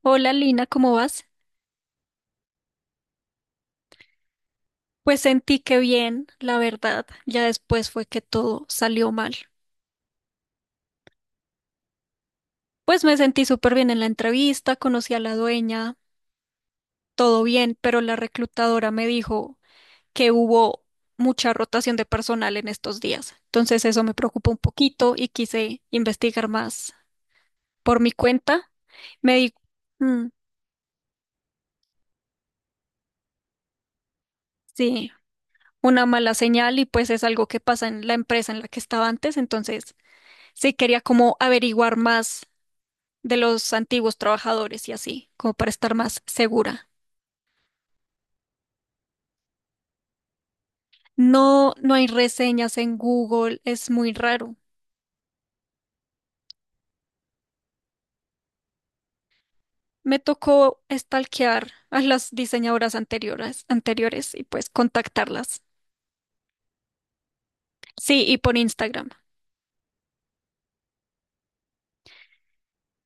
Hola Lina, ¿cómo vas? Pues sentí que bien, la verdad, ya después fue que todo salió mal. Pues me sentí súper bien en la entrevista, conocí a la dueña, todo bien, pero la reclutadora me dijo que hubo mucha rotación de personal en estos días. Entonces eso me preocupó un poquito y quise investigar más por mi cuenta. Me di, mm, sí, una mala señal y pues es algo que pasa en la empresa en la que estaba antes, entonces sí quería como averiguar más de los antiguos trabajadores y así, como para estar más segura. No, no hay reseñas en Google, es muy raro. Me tocó stalkear a las diseñadoras anteriores y pues contactarlas. Sí, y por Instagram,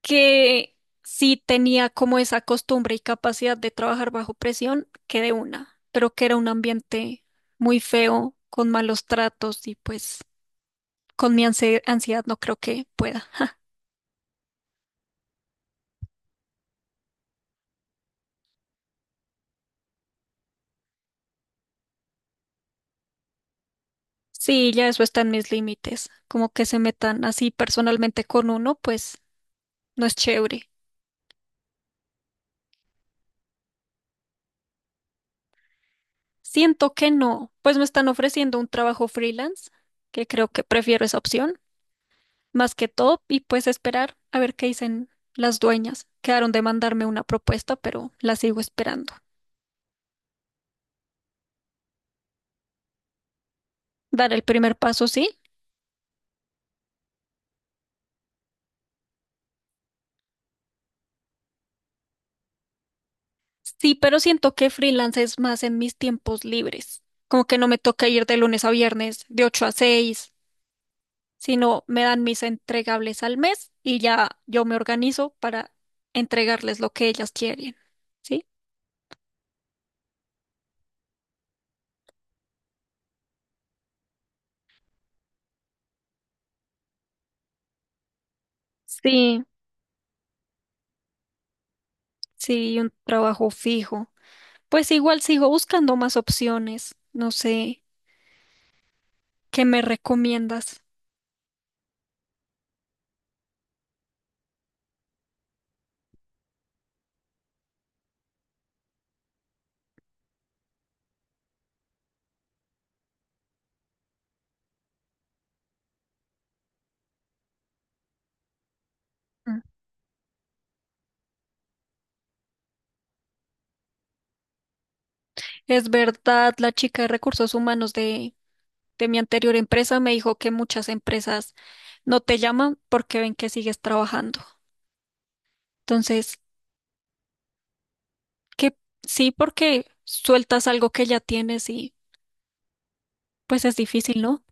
que sí tenía como esa costumbre y capacidad de trabajar bajo presión, que de una, pero que era un ambiente muy feo, con malos tratos y pues con mi ansiedad no creo que pueda. Sí, ya eso está en mis límites. Como que se metan así personalmente con uno, pues no es chévere. Siento que no, pues me están ofreciendo un trabajo freelance, que creo que prefiero esa opción, más que todo, y pues esperar a ver qué dicen las dueñas. Quedaron de mandarme una propuesta, pero la sigo esperando. Dar el primer paso, sí. Sí, pero siento que freelance es más en mis tiempos libres. Como que no me toca ir de lunes a viernes, de 8 a 6, sino me dan mis entregables al mes y ya yo me organizo para entregarles lo que ellas quieren. ¿Sí? Sí, sí, un trabajo fijo. Pues igual sigo buscando más opciones. No sé, ¿qué me recomiendas? Mm. Es verdad, la chica de recursos humanos de mi anterior empresa me dijo que muchas empresas no te llaman porque ven que sigues trabajando. Entonces, que sí, porque sueltas algo que ya tienes y pues es difícil, ¿no?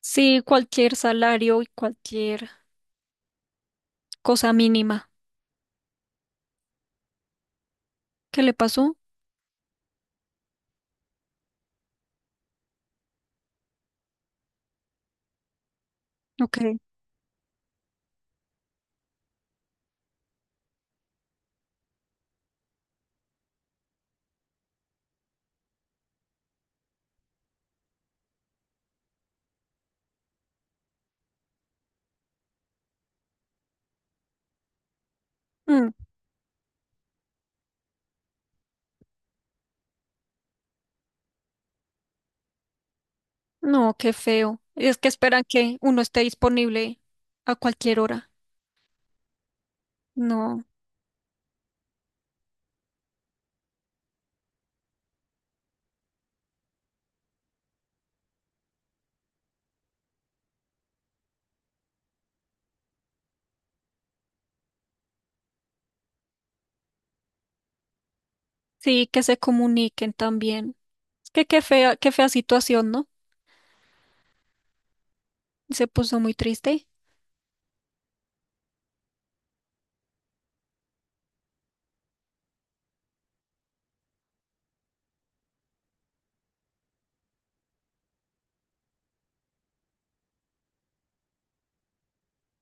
Sí, cualquier salario y cualquier cosa mínima. ¿Qué le pasó? Ok. Mm, no, qué feo. Es que esperan que uno esté disponible a cualquier hora. No. Sí, que se comuniquen también. Es que qué fea situación, ¿no? Se puso muy triste.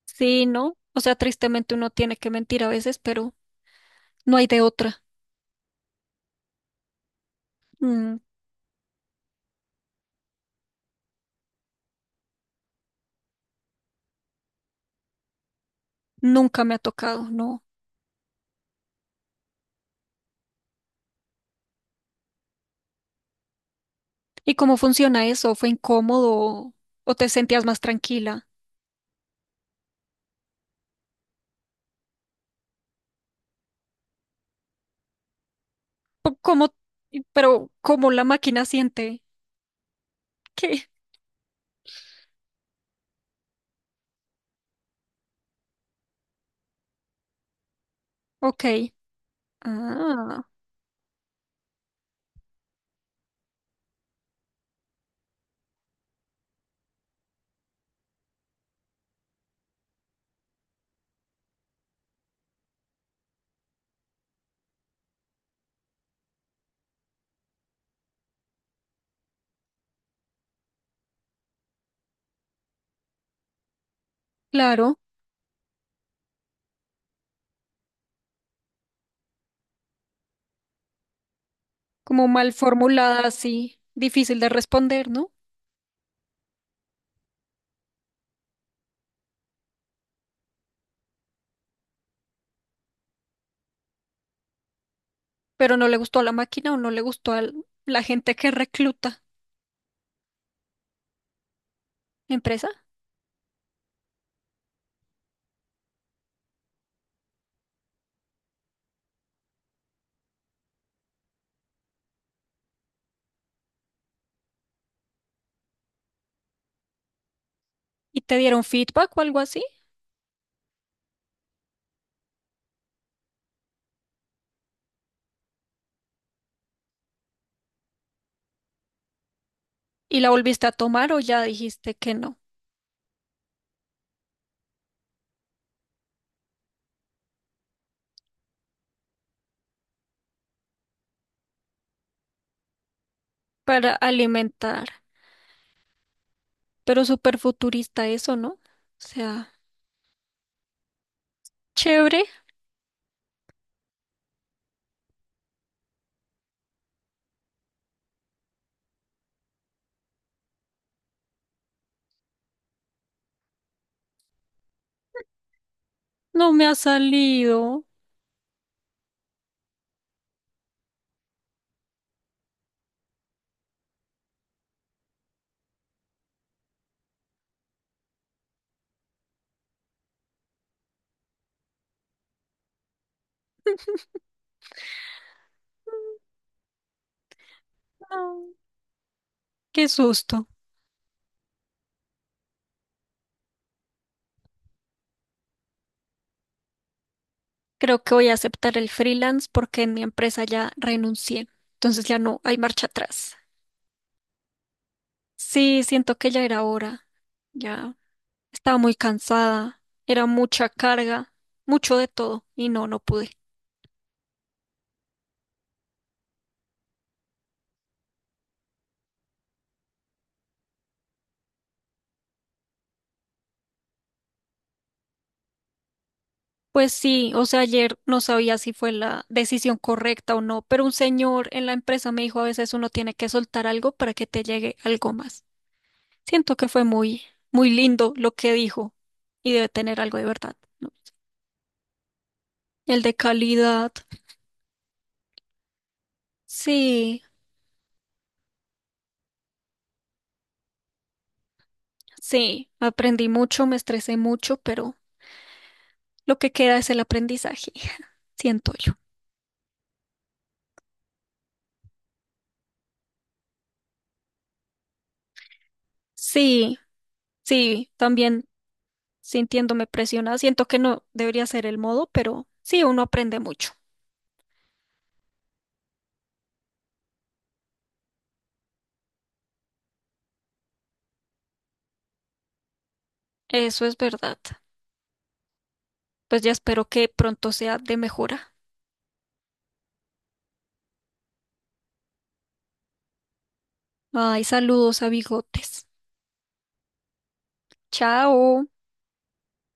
Sí, ¿no? O sea, tristemente uno tiene que mentir a veces, pero no hay de otra. Mm, nunca me ha tocado, no. ¿Y cómo funciona eso? ¿Fue incómodo o te sentías más tranquila? Po- ¿Cómo? Pero ¿cómo la máquina siente? ¿Qué? Ok. Ah, claro. Como mal formulada, así, difícil de responder, ¿no? Pero ¿no le gustó a la máquina o no le gustó a la gente que recluta empresa? ¿Y te dieron feedback o algo así? ¿Y la volviste a tomar o ya dijiste que no? Para alimentar. Pero súper futurista eso, ¿no? O sea, chévere. No me ha salido. No, qué susto. Creo que voy a aceptar el freelance porque en mi empresa ya renuncié. Entonces ya no hay marcha atrás. Sí, siento que ya era hora. Ya estaba muy cansada. Era mucha carga, mucho de todo y no, no pude. Pues sí, o sea, ayer no sabía si fue la decisión correcta o no, pero un señor en la empresa me dijo a veces uno tiene que soltar algo para que te llegue algo más. Siento que fue muy, muy lindo lo que dijo y debe tener algo de verdad, ¿no? El de calidad. Sí. Sí, aprendí mucho, me estresé mucho, pero lo que queda es el aprendizaje, siento yo. Sí, sí, también sintiéndome presionada, siento que no debería ser el modo, pero sí, uno aprende mucho. Eso es verdad. Pues ya espero que pronto sea de mejora. Ay, saludos a Bigotes. Chao.